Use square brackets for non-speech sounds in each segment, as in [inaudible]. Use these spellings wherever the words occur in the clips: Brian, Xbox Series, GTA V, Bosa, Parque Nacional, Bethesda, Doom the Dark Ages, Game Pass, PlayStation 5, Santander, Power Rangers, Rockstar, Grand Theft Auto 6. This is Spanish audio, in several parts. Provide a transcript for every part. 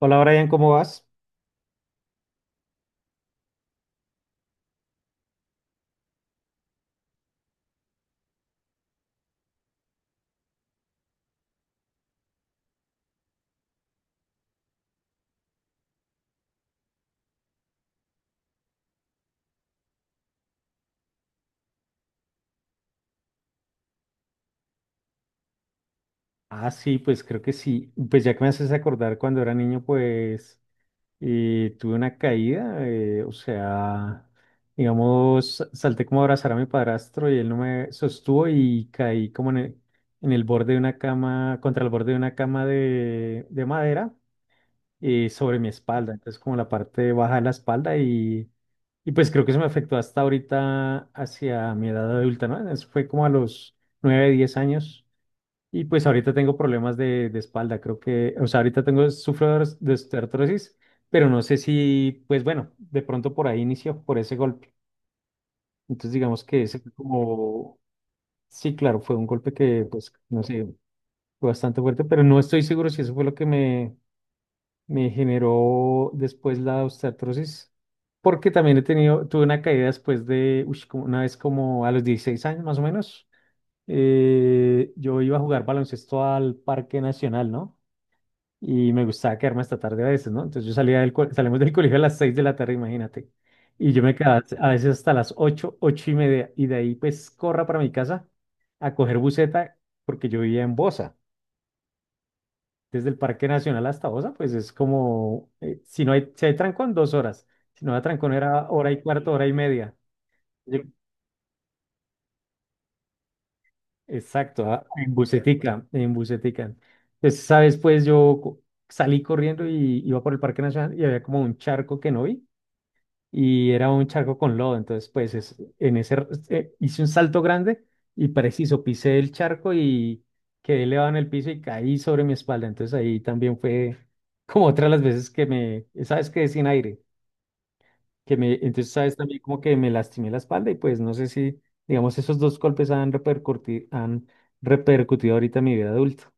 Hola Brian, ¿cómo vas? Ah, sí, pues creo que sí. Pues ya que me haces acordar cuando era niño, pues tuve una caída, o sea, digamos, salté como a abrazar a mi padrastro y él no me sostuvo y caí como en el borde de una cama, contra el borde de una cama de madera sobre mi espalda, entonces como la parte baja de la espalda y pues creo que eso me afectó hasta ahorita hacia mi edad adulta, ¿no? Eso fue como a los 9 o 10 años. Y pues ahorita tengo problemas de espalda, creo que, o sea, ahorita tengo, sufro de osteoartrosis, pero no sé si, pues bueno, de pronto por ahí inició, por ese golpe. Entonces digamos que ese fue como, sí, claro, fue un golpe que, pues, no sé, fue bastante fuerte, pero no estoy seguro si eso fue lo que me generó después la osteoartrosis, porque también he tenido, tuve una caída después de, uy, como una vez como a los 16 años más o menos, yo iba a jugar baloncesto al Parque Nacional, ¿no? Y me gustaba quedarme hasta tarde a veces, ¿no? Entonces yo salía del salimos del colegio a las 6 de la tarde, imagínate. Y yo me quedaba a veces hasta las 8, 8 y media, y de ahí pues corra para mi casa a coger buseta, porque yo vivía en Bosa. Desde el Parque Nacional hasta Bosa, pues es como, si no hay, si hay trancón, 2 horas. Si no hay trancón, era hora y cuarto, hora y media. Yo- Exacto, ah, en busetica, en busetica. Entonces, sabes, pues salí corriendo y iba por el Parque Nacional y había como un charco que no vi. Y era un charco con lodo. Entonces, hice un salto grande y preciso, pisé el charco y quedé elevado en el piso y caí sobre mi espalda. Entonces ahí también fue [laughs] como otra de las veces que me, sabes que sin aire, que me, entonces sabes también como que me lastimé la espalda y pues no sé si, digamos, esos dos golpes han repercutido ahorita en mi vida adulta.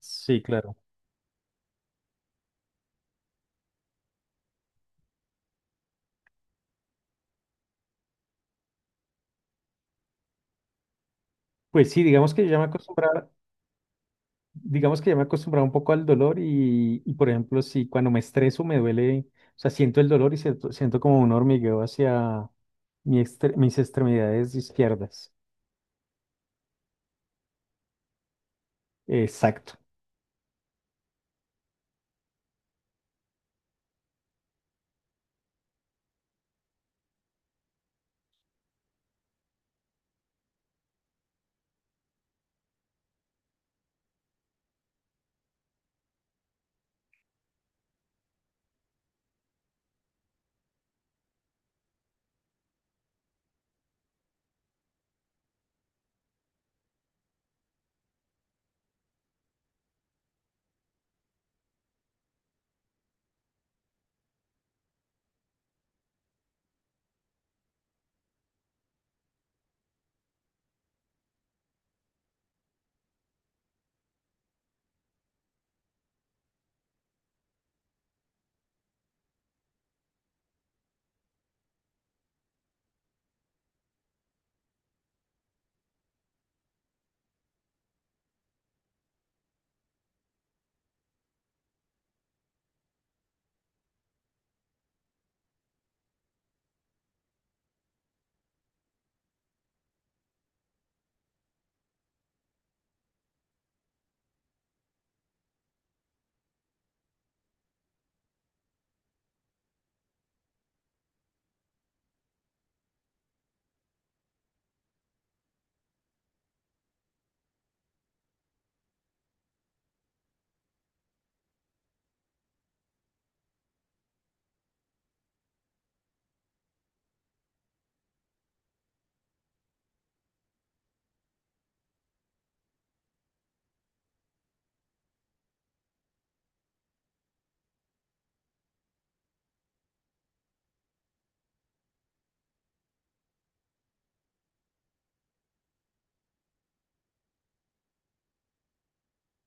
Sí, claro. Pues sí, digamos que yo ya me acostumbraba, digamos que ya me he acostumbrado un poco al dolor por ejemplo, si cuando me estreso me duele, o sea, siento el dolor y siento, siento como un hormigueo hacia mis extremidades izquierdas. Exacto.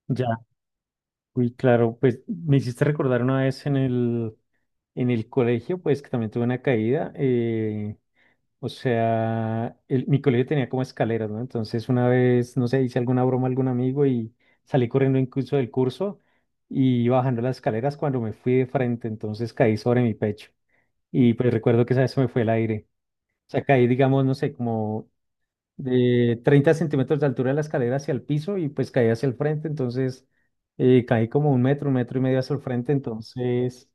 Ya, uy, claro, pues me hiciste recordar una vez en el colegio, pues que también tuve una caída. O sea, mi colegio tenía como escaleras, ¿no? Entonces una vez, no sé, hice alguna broma a algún amigo y salí corriendo incluso del curso y iba bajando las escaleras cuando me fui de frente, entonces caí sobre mi pecho. Y pues recuerdo que esa vez se me fue el aire. O sea, caí, digamos, no sé, como de 30 centímetros de altura de la escalera hacia el piso y pues caí hacia el frente, entonces caí como un metro y medio hacia el frente, entonces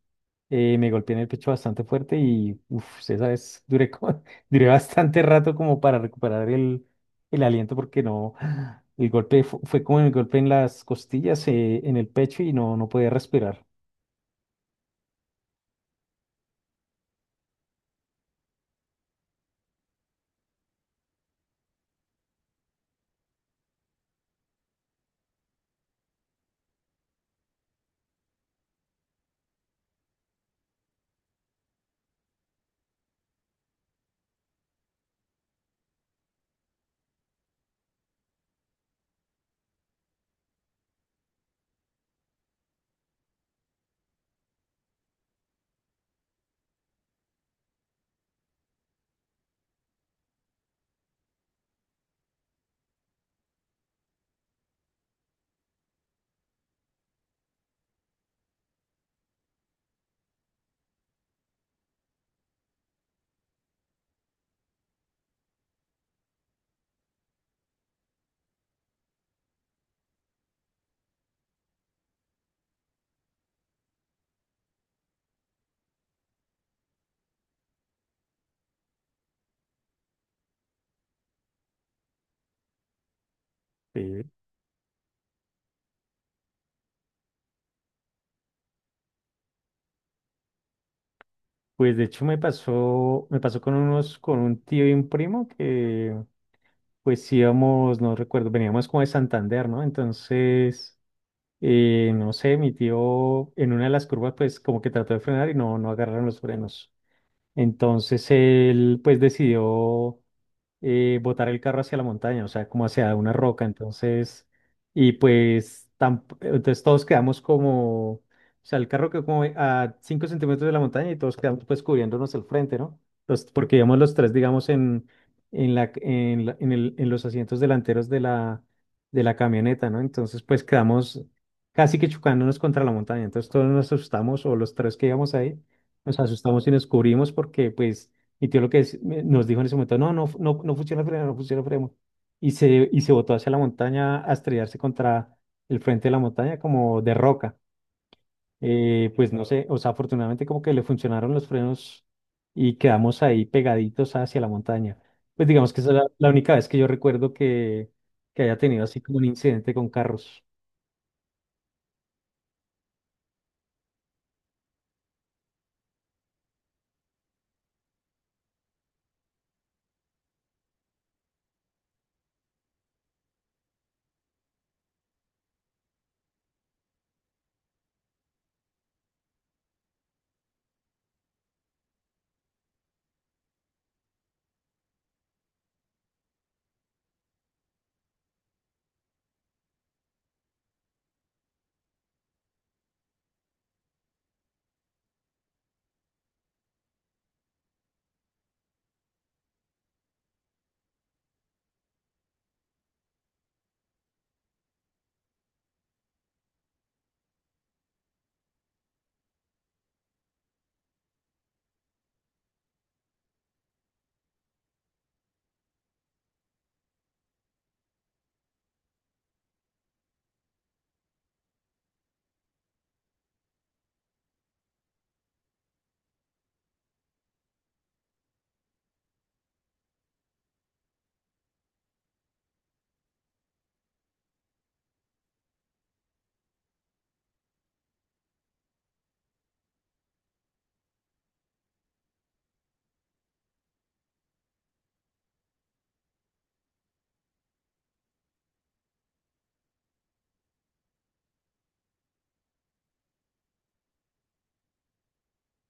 me golpeé en el pecho bastante fuerte y uff, esa vez duré, [laughs] duré bastante rato como para recuperar el aliento porque no, [sighs] el golpe fue, como el golpe en las costillas, en el pecho y no, no podía respirar. Eh, pues de hecho me pasó con unos, con un tío y un primo que pues sí íbamos, no recuerdo, veníamos como de Santander, ¿no? Entonces, no sé, mi tío en una de las curvas pues como que trató de frenar y no, no agarraron los frenos. Entonces él pues decidió botar el carro hacia la montaña, o sea, como hacia una roca, entonces, y pues, entonces todos quedamos como, o sea, el carro quedó como a 5 centímetros de la montaña y todos quedamos pues cubriéndonos el frente, ¿no? Entonces, porque íbamos los tres, digamos, en, en los asientos delanteros de la camioneta, ¿no? Entonces, pues quedamos casi que chocándonos contra la montaña, entonces todos nos asustamos, o los tres que íbamos ahí, nos asustamos y nos cubrimos porque, pues, mi tío lo que es- me- nos dijo en ese momento, no, no, no, no funciona el freno, no funciona el freno. Y se botó hacia la montaña a estrellarse contra el frente de la montaña como de roca. Pues no sé, o sea, afortunadamente como que le funcionaron los frenos y quedamos ahí pegaditos hacia la montaña. Pues digamos que esa es la única vez que yo recuerdo que haya tenido así como un incidente con carros.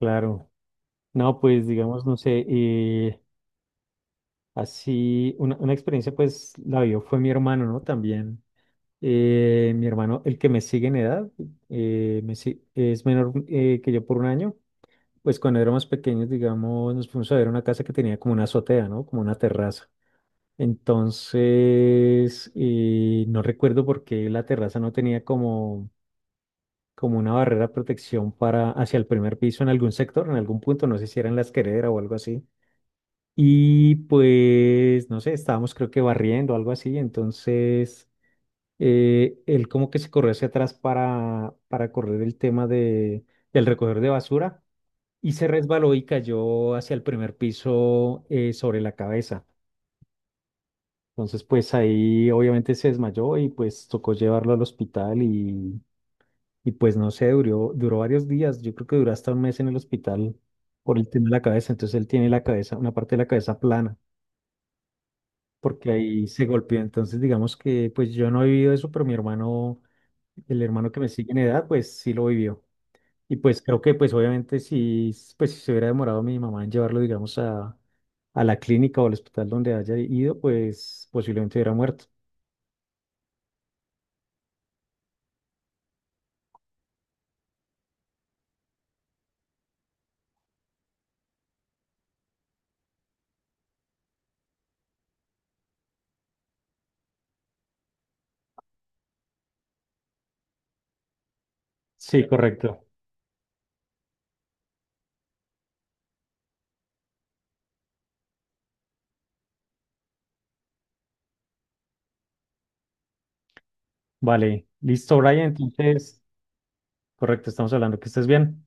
Claro. No, pues digamos, no sé, así una experiencia pues la vio fue mi hermano, ¿no? También. Mi hermano, el que me sigue en edad, me si- es menor que yo por un año. Pues cuando éramos pequeños, digamos, nos fuimos a ver una casa que tenía como una azotea, ¿no? Como una terraza. Entonces, no recuerdo por qué la terraza no tenía como, como una barrera de protección para hacia el primer piso en algún sector, en algún punto, no sé si era en la escalera o algo así. Y pues, no sé, estábamos creo que barriendo o algo así, entonces él como que se corrió hacia atrás para correr el tema del recoger de basura y se resbaló y cayó hacia el primer piso sobre la cabeza. Entonces, pues ahí obviamente se desmayó y pues tocó llevarlo al hospital y pues no sé, duró, duró varios días, yo creo que duró hasta un mes en el hospital por el tema de la cabeza. Entonces él tiene la cabeza, una parte de la cabeza plana, porque ahí se golpeó. Entonces, digamos que pues yo no he vivido eso, pero mi hermano el hermano que me sigue en edad, pues sí lo vivió. Y pues creo que, pues obviamente, si, pues, si se hubiera demorado mi mamá en llevarlo, digamos, a la clínica o al hospital donde haya ido, pues posiblemente hubiera muerto. Sí, correcto. Vale, listo, Brian. Entonces, correcto, estamos hablando que estés bien.